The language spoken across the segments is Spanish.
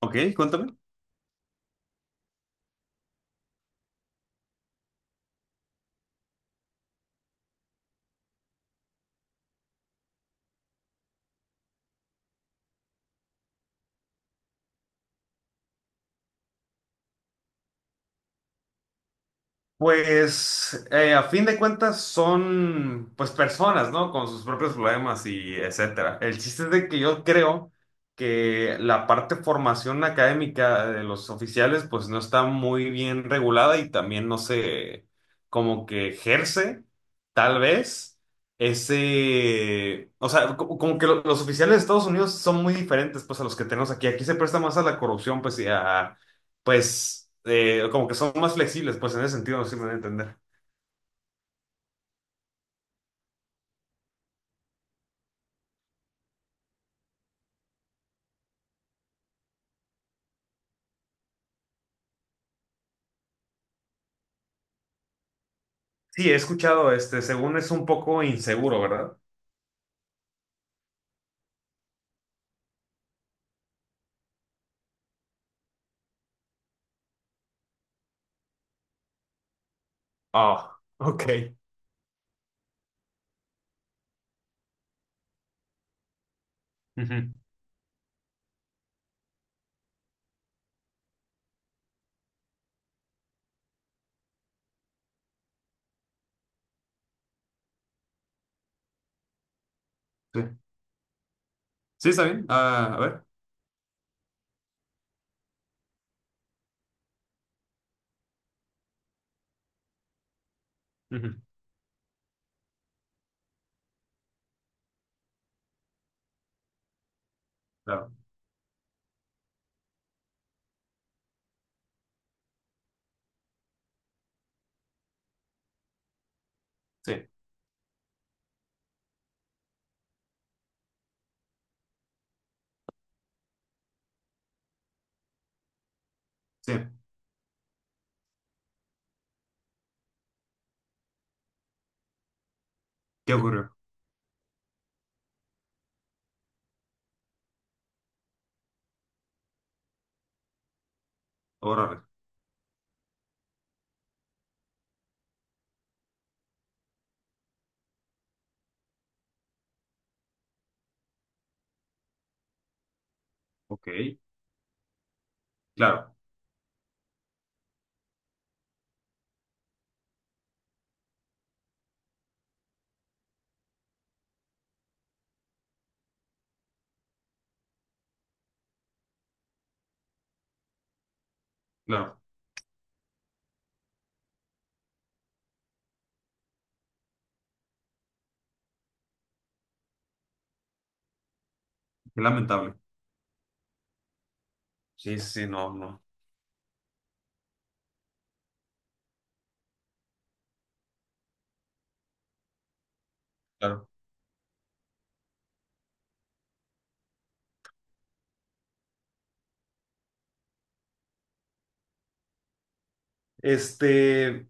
Ok, cuéntame. Pues a fin de cuentas son pues personas, ¿no? Con sus propios problemas y etcétera. El chiste es de que yo creo que la parte formación académica de los oficiales pues no está muy bien regulada y también no se como que ejerce tal vez ese, o sea, como que los oficiales de Estados Unidos son muy diferentes pues a los que tenemos aquí. Aquí se presta más a la corrupción pues y a pues como que son más flexibles, pues en ese sentido no sé si me voy a entender. Sí, he escuchado, este, según es un poco inseguro, ¿verdad? Ah, ok. Ujú. Sí. Sí, está bien. Ah, a ver. Ujú. Claro. Sí, sí. ¿Qué ocurrió? Órale. Ok. Claro, claro. Qué lamentable. Sí, sí, sí, no, no, claro. Este,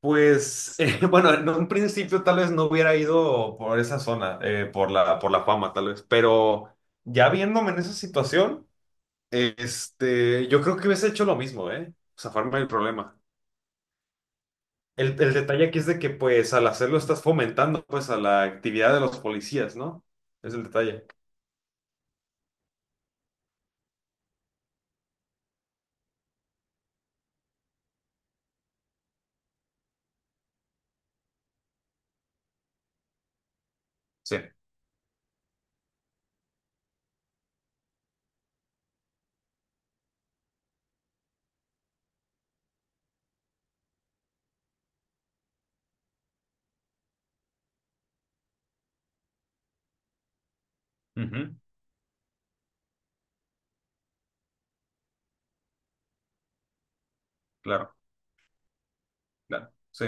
pues, bueno, en un principio tal vez no hubiera ido por esa zona, por la fama, tal vez, pero ya viéndome en esa situación. Este, yo creo que hubiese hecho lo mismo, ¿eh? Zafarme del problema. El detalle aquí es de que, pues, al hacerlo estás fomentando, pues, a la actividad de los policías, ¿no? Es el detalle. Sí, ujú. Claro, claro, sí.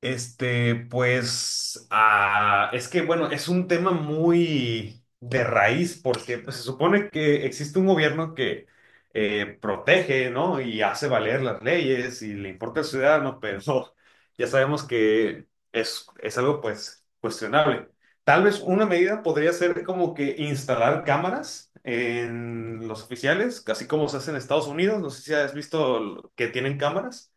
Este, pues, ah, es que, bueno, es un tema muy de raíz porque pues, se supone que existe un gobierno que protege, ¿no? Y hace valer las leyes y le importa al ciudadano, pero ya sabemos que es algo, pues, cuestionable. Tal vez una medida podría ser como que instalar cámaras en los oficiales, así como se hace en Estados Unidos. No sé si has visto que tienen cámaras.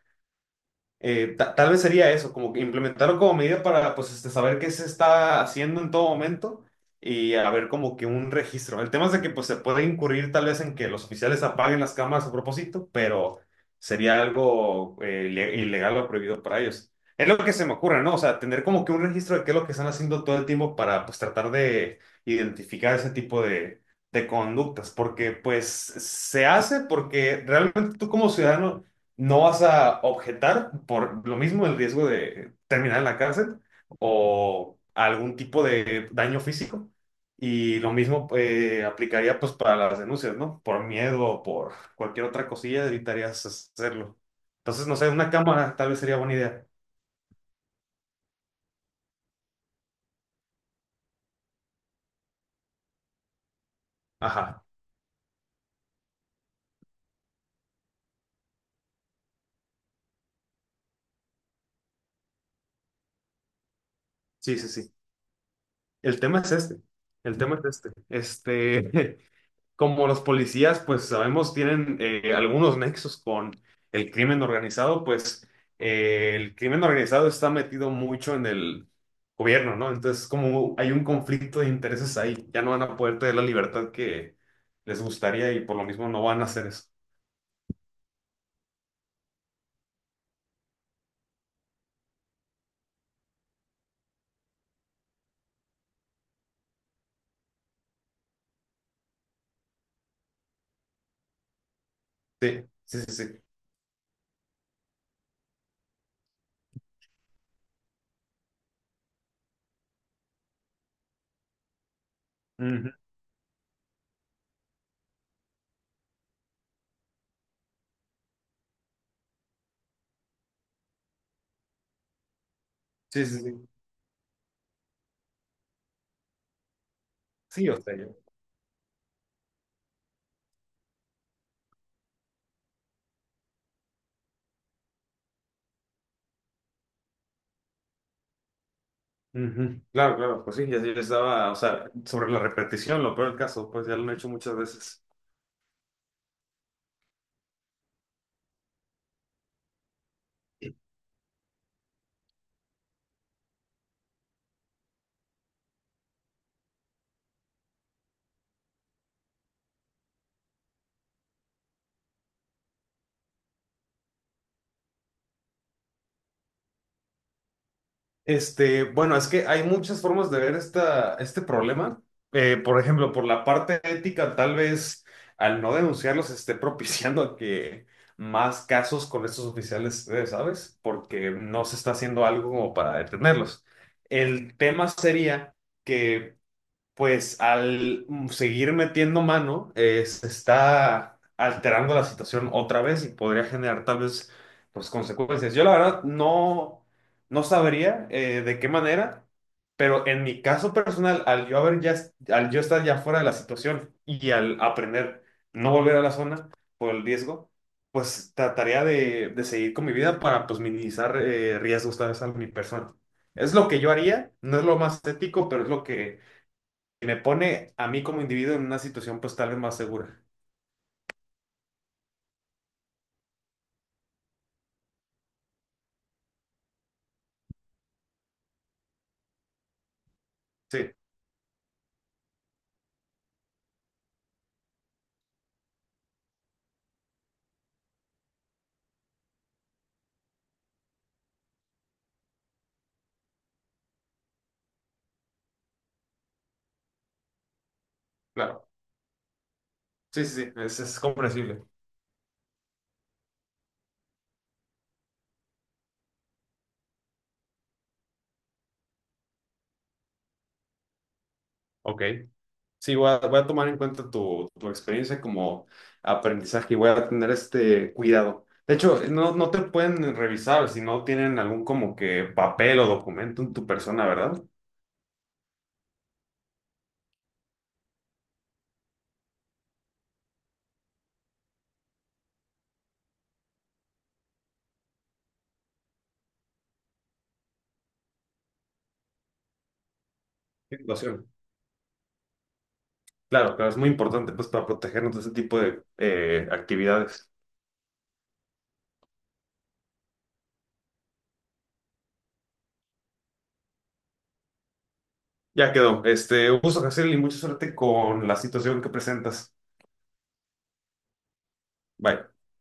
Tal vez sería eso, como que implementarlo como medida para pues este, saber qué se está haciendo en todo momento y haber como que un registro. El tema es de que pues se puede incurrir tal vez en que los oficiales apaguen las cámaras a propósito, pero sería algo ilegal o prohibido para ellos. Es lo que se me ocurre, ¿no? O sea, tener como que un registro de qué es lo que están haciendo todo el tiempo para pues tratar de identificar ese tipo de conductas, porque pues se hace porque realmente tú como ciudadano no vas a objetar por lo mismo el riesgo de terminar en la cárcel o algún tipo de daño físico. Y lo mismo aplicaría pues para las denuncias, ¿no? Por miedo o por cualquier otra cosilla evitarías hacerlo. Entonces, no sé, una cámara tal vez sería buena idea. Ajá, sí, sí, sí. El tema es este. El tema es este. Este, como los policías, pues sabemos, tienen algunos nexos con el crimen organizado, pues el crimen organizado está metido mucho en el gobierno, ¿no? Entonces, como hay un conflicto de intereses ahí, ya no van a poder tener la libertad que les gustaría y por lo mismo no van a hacer eso. Sí, sí, sí, sí. Ujú. Sí, sí, sí. Sí, o sea, yo. Ujú. Claro, claro, pues sí, ya yo estaba, o sea, sobre la repetición, lo peor del caso, pues ya lo han hecho muchas veces. Este, bueno, es que hay muchas formas de ver esta, este problema. Por ejemplo, por la parte ética, tal vez al no denunciarlos esté propiciando a que más casos con estos oficiales, ¿sabes? Porque no se está haciendo algo como para detenerlos. El tema sería que pues al seguir metiendo mano, se está alterando la situación otra vez y podría generar tal vez pues, consecuencias. Yo la verdad no, no sabría de qué manera, pero en mi caso personal, al yo haber ya, al yo estar ya fuera de la situación y al aprender no volver a la zona por el riesgo, pues trataría de seguir con mi vida para pues minimizar riesgos tal vez a mi persona. Es lo que yo haría, no es lo más ético, pero es lo que y me pone a mí como individuo en una situación pues tal vez más segura. Sí, claro. Sí, sí, sí, es comprensible. Ok. Sí, voy a, voy a tomar en cuenta tu, tu experiencia como aprendizaje y voy a tener este cuidado. De hecho, no, no te pueden revisar si no tienen algún como que papel o documento en tu persona, ¿verdad? Situación. Claro, claro, es muy importante pues para protegernos de ese tipo de actividades. Ya quedó. Este, un gusto, hacer y mucha suerte con la situación que presentas. Bye.